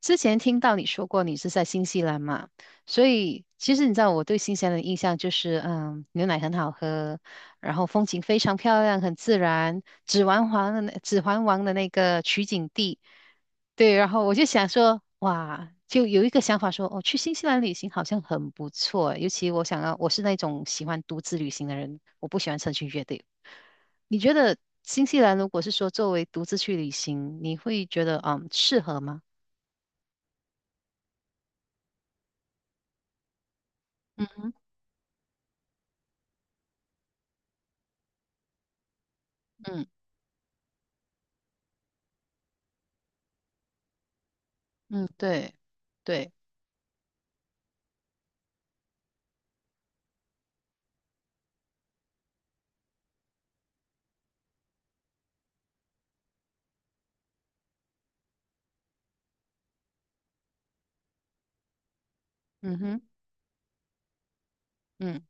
之前听到你说过你是在新西兰嘛，所以其实你知道我对新西兰的印象就是，牛奶很好喝，然后风景非常漂亮，很自然。指环王的那个取景地，对，然后我就想说，哇，就有一个想法说，哦，去新西兰旅行好像很不错，尤其我想要，我是那种喜欢独自旅行的人，我不喜欢成群结队。你觉得新西兰如果是说作为独自去旅行，你会觉得适合吗？嗯哼。嗯，对。对。嗯哼。嗯。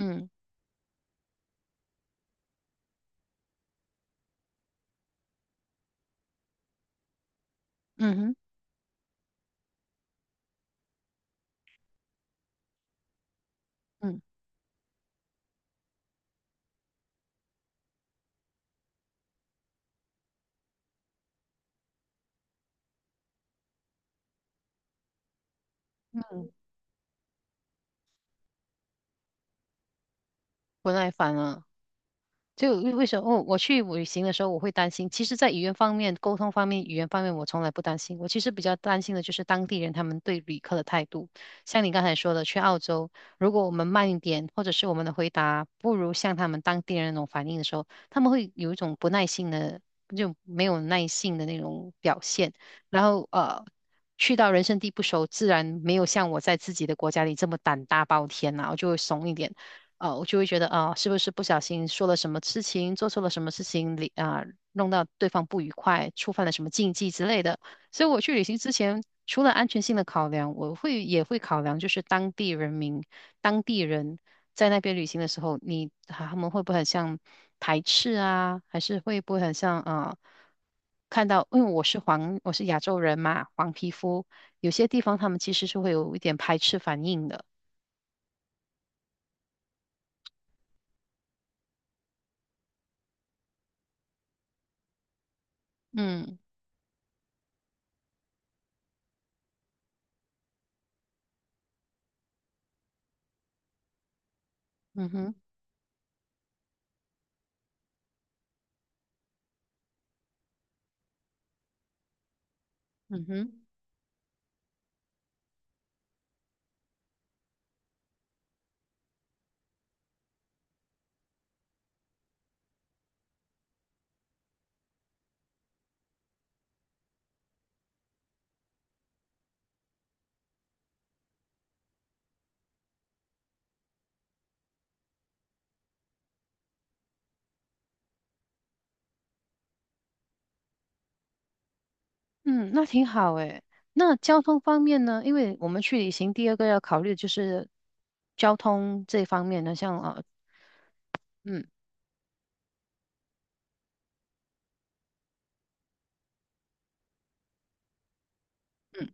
嗯嗯哼。嗯嗯。不耐烦了。就为什么哦？我去旅行的时候，我会担心。其实，在语言方面、沟通方面，我从来不担心。我其实比较担心的就是当地人他们对旅客的态度。像你刚才说的，去澳洲，如果我们慢一点，或者是我们的回答不如像他们当地人那种反应的时候，他们会有一种不耐性的，就没有耐性的那种表现。然后去到人生地不熟，自然没有像我在自己的国家里这么胆大包天啦、我就会怂一点。啊，我就会觉得啊、是不是不小心说了什么事情，做错了什么事情，里啊、弄到对方不愉快，触犯了什么禁忌之类的。所以我去旅行之前，除了安全性的考量，我会也会考量就是当地人民、当地人在那边旅行的时候，你他们会不会很像排斥啊，还是会不会很像啊、看到，因为我是黄，我是亚洲人嘛，黄皮肤，有些地方他们其实是会有一点排斥反应的。嗯。嗯哼。嗯哼。嗯，那挺好诶。那交通方面呢？因为我们去旅行，第二个要考虑的就是交通这方面呢。像嗯。嗯。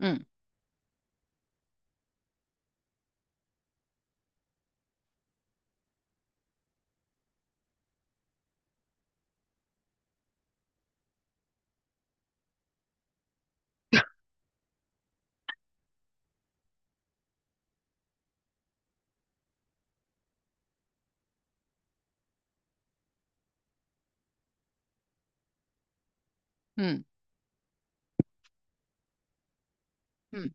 嗯。嗯。嗯。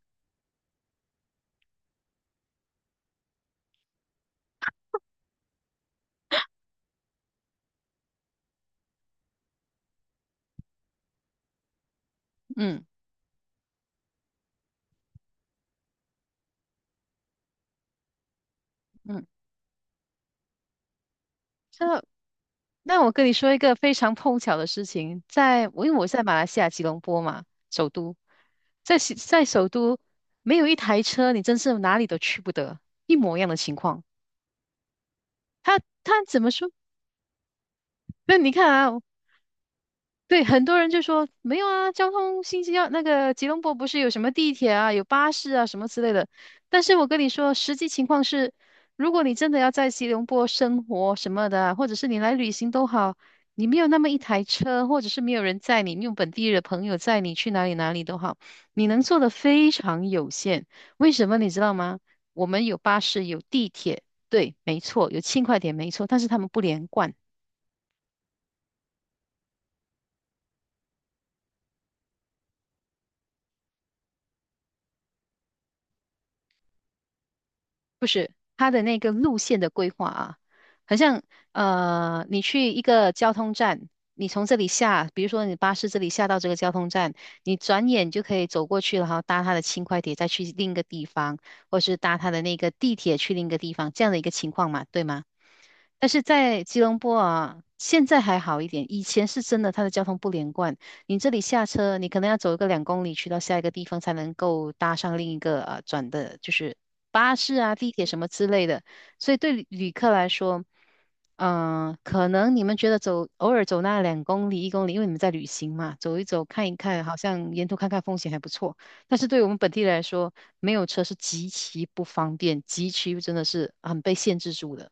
嗯。嗯。这，那我跟你说一个非常碰巧的事情，在我因为我在马来西亚吉隆坡嘛，首都，在西在首都没有一台车，你真是哪里都去不得，一模一样的情况。他他怎么说？那你看啊，对，很多人就说没有啊，交通信息兰那个吉隆坡不是有什么地铁啊、有巴士啊什么之类的。但是我跟你说，实际情况是，如果你真的要在吉隆坡生活什么的啊，或者是你来旅行都好，你没有那么一台车，或者是没有人载你，你用本地的朋友载你去哪里哪里都好，你能做的非常有限。为什么你知道吗？我们有巴士，有地铁，对，没错，有轻快点没错，但是他们不连贯。不是，它的那个路线的规划啊，好像你去一个交通站，你从这里下，比如说你巴士这里下到这个交通站，你转眼就可以走过去了，然后搭它的轻快铁再去另一个地方，或是搭它的那个地铁去另一个地方，这样的一个情况嘛，对吗？但是在吉隆坡啊，现在还好一点，以前是真的它的交通不连贯，你这里下车，你可能要走一个两公里去到下一个地方才能够搭上另一个啊转的，就是巴士啊、地铁什么之类的。所以对旅客来说，嗯、可能你们觉得走偶尔走那两公里、一公里，因为你们在旅行嘛，走一走看一看，好像沿途看看风景还不错。但是对我们本地人来说，没有车是极其不方便，极其真的是很被限制住的。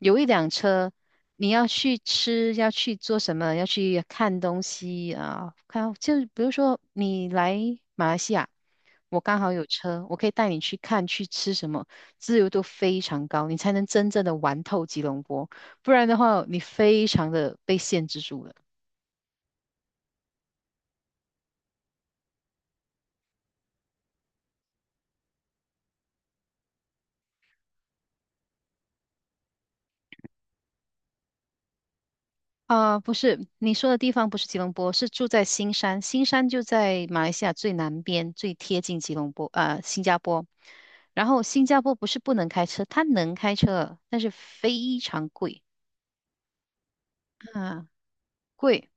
有一辆车，你要去吃，要去做什么，要去看东西啊，看，就比如说你来马来西亚，我刚好有车，我可以带你去看去吃什么，自由度非常高，你才能真正的玩透吉隆坡，不然的话，你非常的被限制住了。啊，不是，你说的地方不是吉隆坡，是住在新山。新山就在马来西亚最南边，最贴近吉隆坡，新加坡。然后新加坡不是不能开车，它能开车，但是非常贵。啊，贵。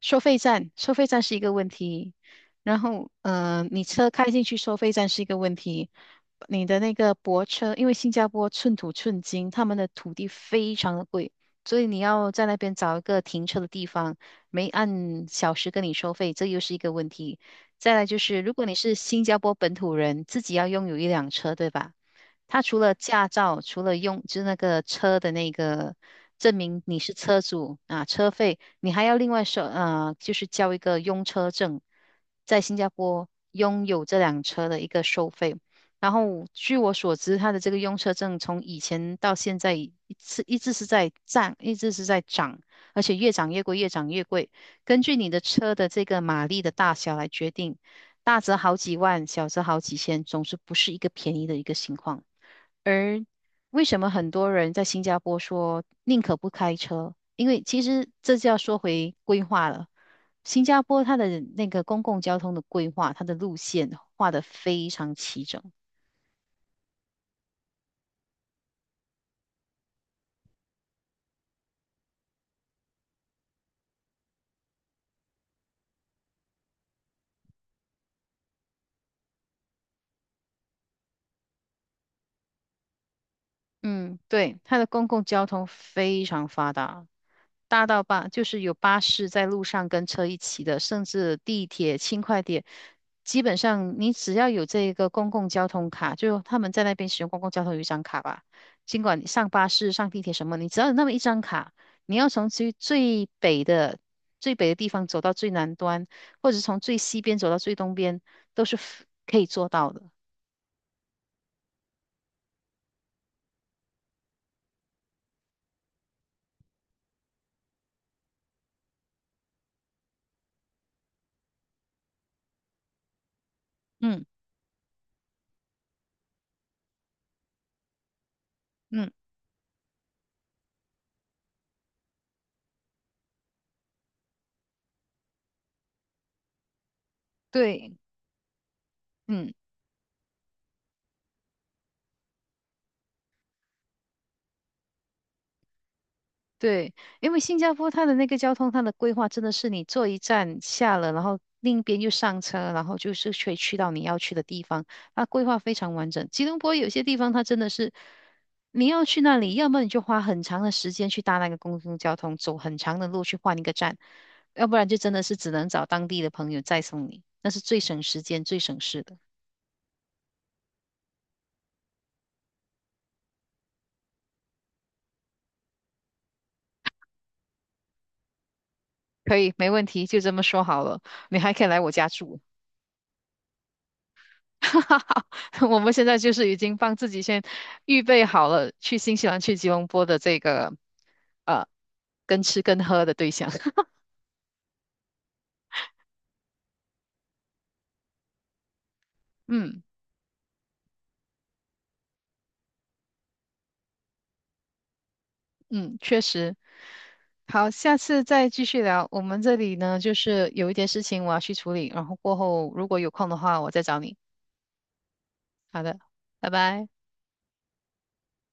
收费站，收费站是一个问题。然后，你车开进去收费站是一个问题。你的那个泊车，因为新加坡寸土寸金，他们的土地非常的贵，所以你要在那边找一个停车的地方，没按小时跟你收费，这又是一个问题。再来就是，如果你是新加坡本土人，自己要拥有一辆车，对吧？他除了驾照，除了用，就是那个车的那个证明你是车主啊，车费。你还要另外收，就是交一个用车证，在新加坡拥有这辆车的一个收费。然后据我所知，它的这个用车证从以前到现在一次一直是在涨，一直是在涨，而且越涨越贵，越涨越贵。根据你的车的这个马力的大小来决定，大则好几万，小则好几千，总之不是一个便宜的一个情况。而为什么很多人在新加坡说宁可不开车？因为其实这就要说回规划了。新加坡它的那个公共交通的规划，它的路线画得非常齐整。嗯，对，它的公共交通非常发达，大到巴就是有巴士在路上跟车一起的，甚至地铁、轻快铁，基本上你只要有这个公共交通卡，就他们在那边使用公共交通有一张卡吧，尽管你上巴士、上地铁什么，你只要有那么一张卡，你要从最北的地方走到最南端，或者是从最西边走到最东边，都是可以做到的。嗯。嗯，对。嗯。对，因为新加坡它的那个交通，它的规划真的是你坐一站下了，然后另一边又上车，然后就是可以去到你要去的地方。它规划非常完整。吉隆坡有些地方它真的是你要去那里，要么你就花很长的时间去搭那个公共交通，走很长的路去换一个站，要不然就真的是只能找当地的朋友再送你，那是最省时间、最省事的。可以，没问题，就这么说好了。你还可以来我家住。哈哈哈，我们现在就是已经帮自己先预备好了去新西兰、去吉隆坡的这个呃，跟吃跟喝的对象。嗯。嗯，确实。好，下次再继续聊。我们这里呢，就是有一点事情我要去处理，然后过后如果有空的话，我再找你。好的，拜拜。